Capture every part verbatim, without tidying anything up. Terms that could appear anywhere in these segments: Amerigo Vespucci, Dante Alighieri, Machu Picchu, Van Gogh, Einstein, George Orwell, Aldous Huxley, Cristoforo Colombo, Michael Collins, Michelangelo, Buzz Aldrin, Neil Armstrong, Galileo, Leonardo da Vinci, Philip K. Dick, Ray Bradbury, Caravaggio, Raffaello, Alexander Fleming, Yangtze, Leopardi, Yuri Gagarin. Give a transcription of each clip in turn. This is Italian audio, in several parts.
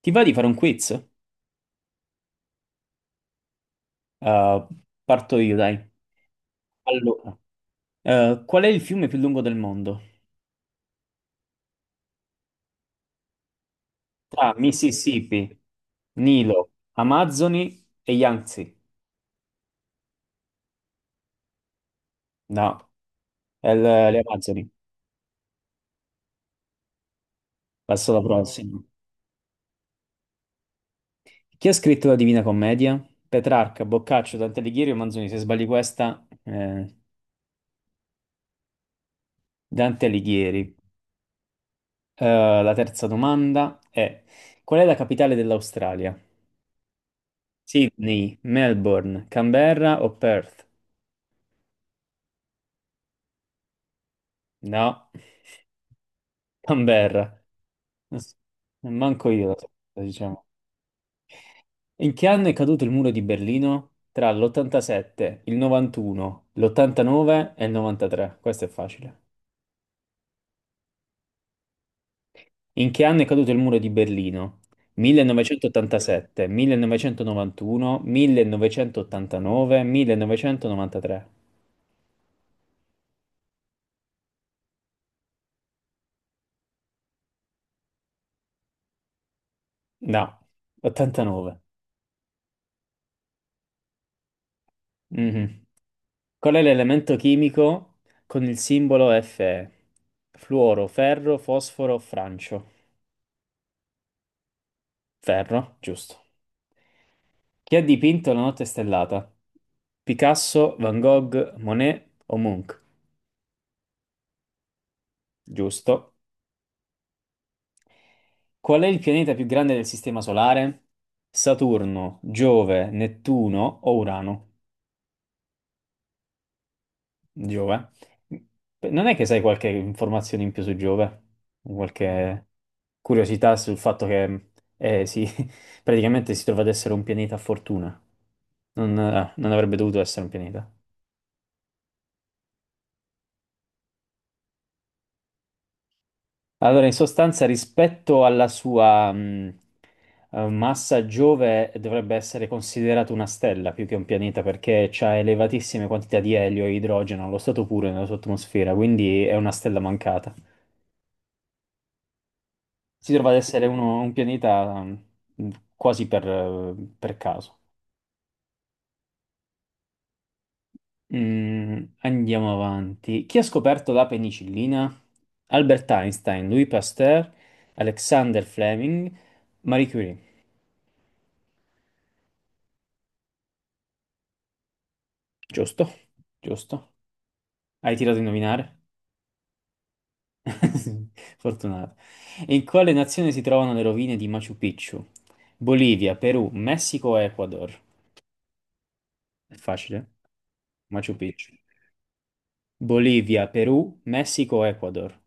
Ti va di fare un quiz? Uh, parto io, dai. Allora, eh, qual è il fiume più lungo del mondo? Tra Mississippi, Nilo, Amazzoni e Yangtze. No, è l- le Amazzoni. Passo alla prossima. Chi ha scritto la Divina Commedia? Petrarca, Boccaccio, Dante Alighieri o Manzoni? Se sbagli questa, eh, Dante Alighieri. Eh, la terza domanda è: qual è la capitale dell'Australia? Sydney, Melbourne, Canberra o Perth? No. Canberra. Manco io, lo so, diciamo. In che anno è caduto il muro di Berlino? Tra l'ottantasette, il novantuno, l'ottantanove e il novantatré. Questo è facile. In che anno è caduto il muro di Berlino? millenovecentottantasette, millenovecentonovantuno, millenovecentottantanove, millenovecentonovantatré. No, ottantanove. Mhm. Qual è l'elemento chimico con il simbolo Fe? Fluoro, ferro, fosforo, francio. Ferro, giusto. Chi ha dipinto La notte stellata? Picasso, Van Gogh, Monet o Munch? Giusto. Qual è il pianeta più grande del Sistema Solare? Saturno, Giove, Nettuno o Urano? Giove. Non è che sai qualche informazione in più su Giove? Qualche curiosità sul fatto che eh, sì, praticamente si trova ad essere un pianeta a fortuna. Non, eh, non avrebbe dovuto essere un pianeta. Allora, in sostanza, rispetto alla sua mh, eh, massa Giove, dovrebbe essere considerato una stella più che un pianeta perché ha elevatissime quantità di elio e idrogeno allo stato puro nella sua atmosfera, quindi è una stella mancata. Si trova ad essere uno- un pianeta mh, quasi per, eh, per caso. Mm, andiamo avanti. Chi ha scoperto la penicillina? Albert Einstein, Louis Pasteur, Alexander Fleming, Marie Curie. Giusto, giusto. Hai tirato a indovinare? Fortunato. In quale nazione si trovano le rovine di Machu Picchu? Bolivia, Perù, Messico, e Ecuador. È facile. Machu Picchu. Bolivia, Perù, Messico, Ecuador.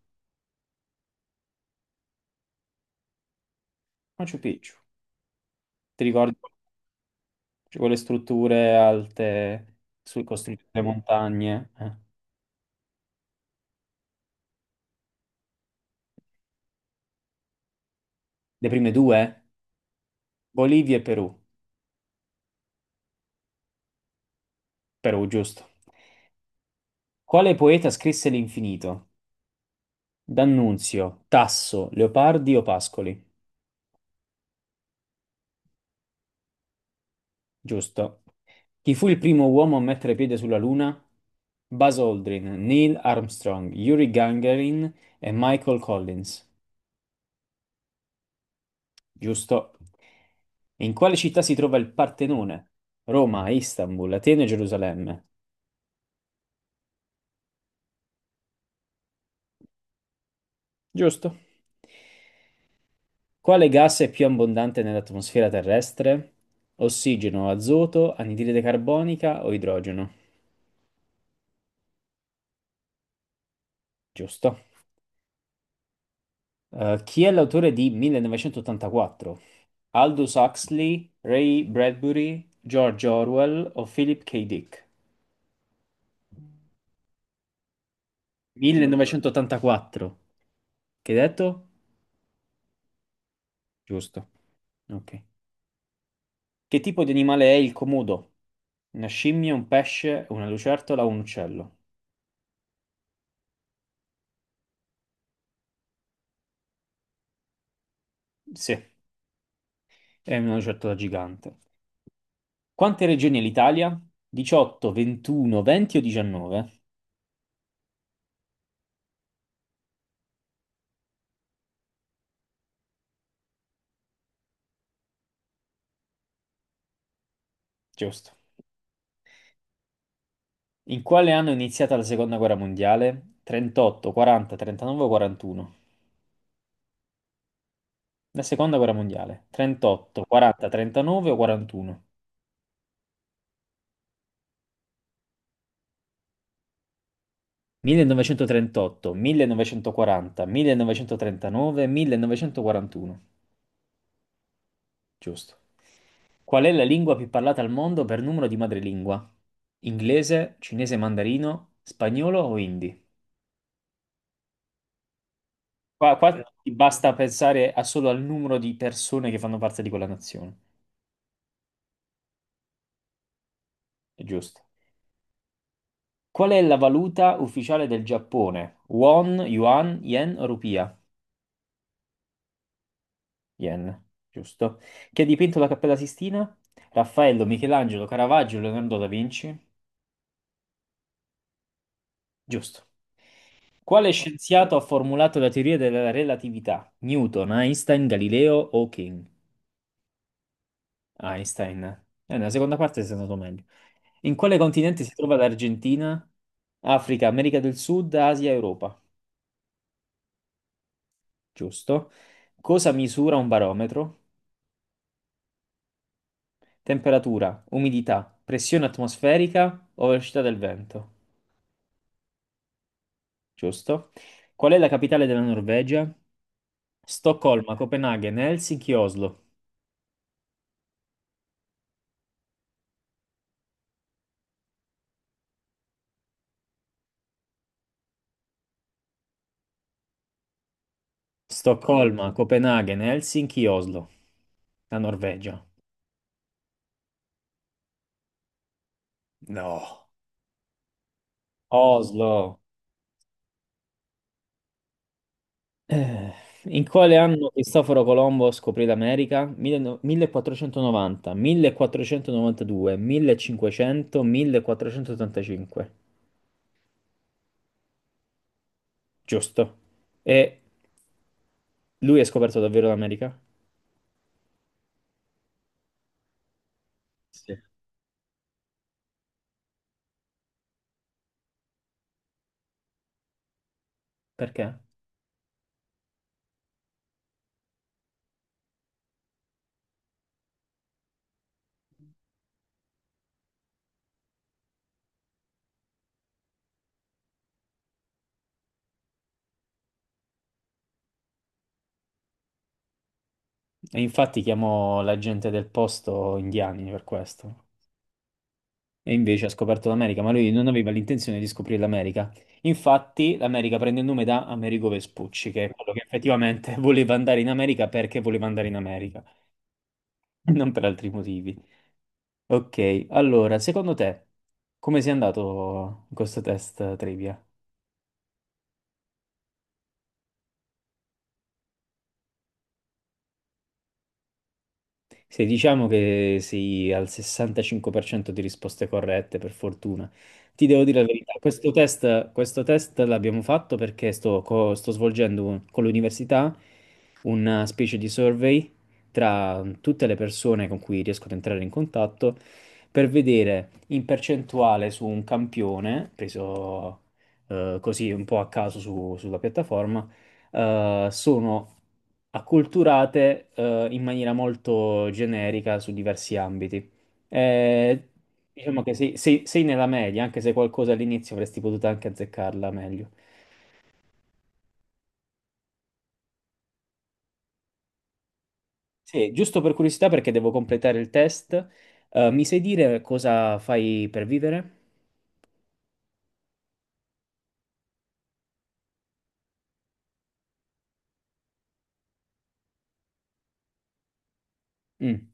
Machu Picchu. Ti ricordi? Cioè, quelle strutture alte su costruite le montagne? Eh. Le prime due? Bolivia e Perù. Perù, giusto. Quale poeta scrisse L'infinito? D'Annunzio, Tasso, Leopardi o Pascoli? Giusto. Chi fu il primo uomo a mettere piede sulla Luna? Buzz Aldrin, Neil Armstrong, Yuri Gagarin e Michael Collins. Giusto. In quale città si trova il Partenone? Roma, Istanbul, Atene e Gerusalemme. Giusto. Quale gas è più abbondante nell'atmosfera terrestre? Ossigeno, azoto, anidride carbonica o idrogeno? Giusto. Eh, chi è l'autore di millenovecentottantaquattro? Aldous Huxley, Ray Bradbury, George Orwell o Philip K. Dick? Giorgio. millenovecentottantaquattro. Che hai detto? Giusto. Ok. Che tipo di animale è il comodo? Una scimmia, un pesce, una lucertola o un uccello? Sì, è una lucertola gigante. Quante regioni ha l'Italia? diciotto, ventuno, venti o diciannove? Giusto. In quale anno è iniziata la seconda guerra mondiale? trentotto, quaranta, trentanove o quarantuno? La seconda guerra mondiale. trentotto, quaranta, trentanove o quarantuno? millenovecentotrentotto, millenovecentoquaranta, millenovecentotrentanove, millenovecentoquarantuno. Giusto. Qual è la lingua più parlata al mondo per numero di madrelingua? Inglese, cinese mandarino, spagnolo o hindi? Qua, qua ti basta pensare a- solo al numero di persone che fanno parte di quella nazione. È giusto. Qual è la valuta ufficiale del Giappone? Won, yuan, yen o rupia? Yen, giusto. Chi ha dipinto la Cappella Sistina? Raffaello, Michelangelo, Caravaggio, Leonardo da Vinci? Giusto. Quale scienziato ha formulato la teoria della relatività? Newton, Einstein, Galileo o King? Einstein. Eh, nella seconda parte sei andato meglio. In quale continente si trova l'Argentina? Africa, America del Sud, Asia, Europa? Giusto. Cosa misura un barometro? Temperatura, umidità, pressione atmosferica o velocità del vento. Giusto? Qual è la capitale della Norvegia? Stoccolma, Copenaghen, Helsinki, Oslo. Stoccolma, Copenaghen, Helsinki, Oslo. La Norvegia. No. Oslo. Eh, In quale anno Cristoforo Colombo scoprì l'America? diciannove millequattrocentonovanta, millequattrocentonovantadue, millecinquecento, millequattrocentottantacinque. Giusto. E lui ha scoperto davvero l'America? Sì. Perché? E infatti chiamò la gente del posto indiani per questo. E invece ha scoperto l'America, ma lui non aveva l'intenzione di scoprire l'America. Infatti, l'America prende il nome da Amerigo Vespucci, che è quello che effettivamente voleva andare in America perché voleva andare in America, non per altri motivi. Ok, allora, secondo te, come sei andato in questo test trivia? Se diciamo che sei al sessantacinque per cento di risposte corrette, per fortuna. Ti devo dire la verità, questo test, questo test l'abbiamo fatto perché sto, co- sto svolgendo con l'università una specie di survey tra tutte le persone con cui riesco ad entrare in contatto per vedere in percentuale su un campione, preso eh, così un po' a caso su- sulla piattaforma, eh, sono acculturate eh, in maniera molto generica su diversi ambiti. Eh, diciamo che sei, sei- sei nella media, anche se qualcosa all'inizio avresti potuto anche azzeccarla meglio. Sì, giusto per curiosità, perché devo completare il test, eh, mi sai dire cosa fai per vivere? Mm.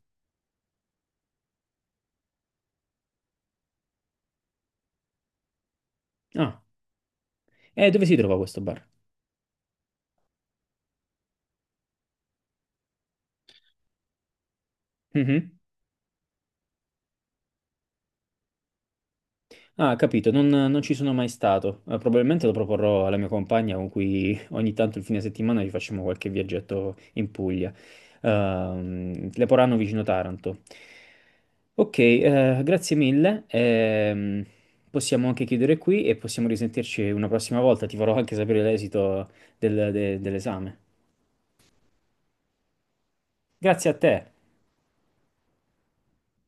Ah, e dove si trova questo bar? Mhm. Ah, capito, non, non ci sono mai stato. Eh, probabilmente lo proporrò alla mia compagna con cui ogni tanto il fine settimana ci facciamo qualche viaggetto in Puglia. Ehm, Leporano vicino Taranto. Ok, eh, grazie mille. Ehm, possiamo anche chiudere qui e possiamo risentirci una prossima volta. Ti farò anche sapere l'esito del- de- dell'esame. Grazie a te.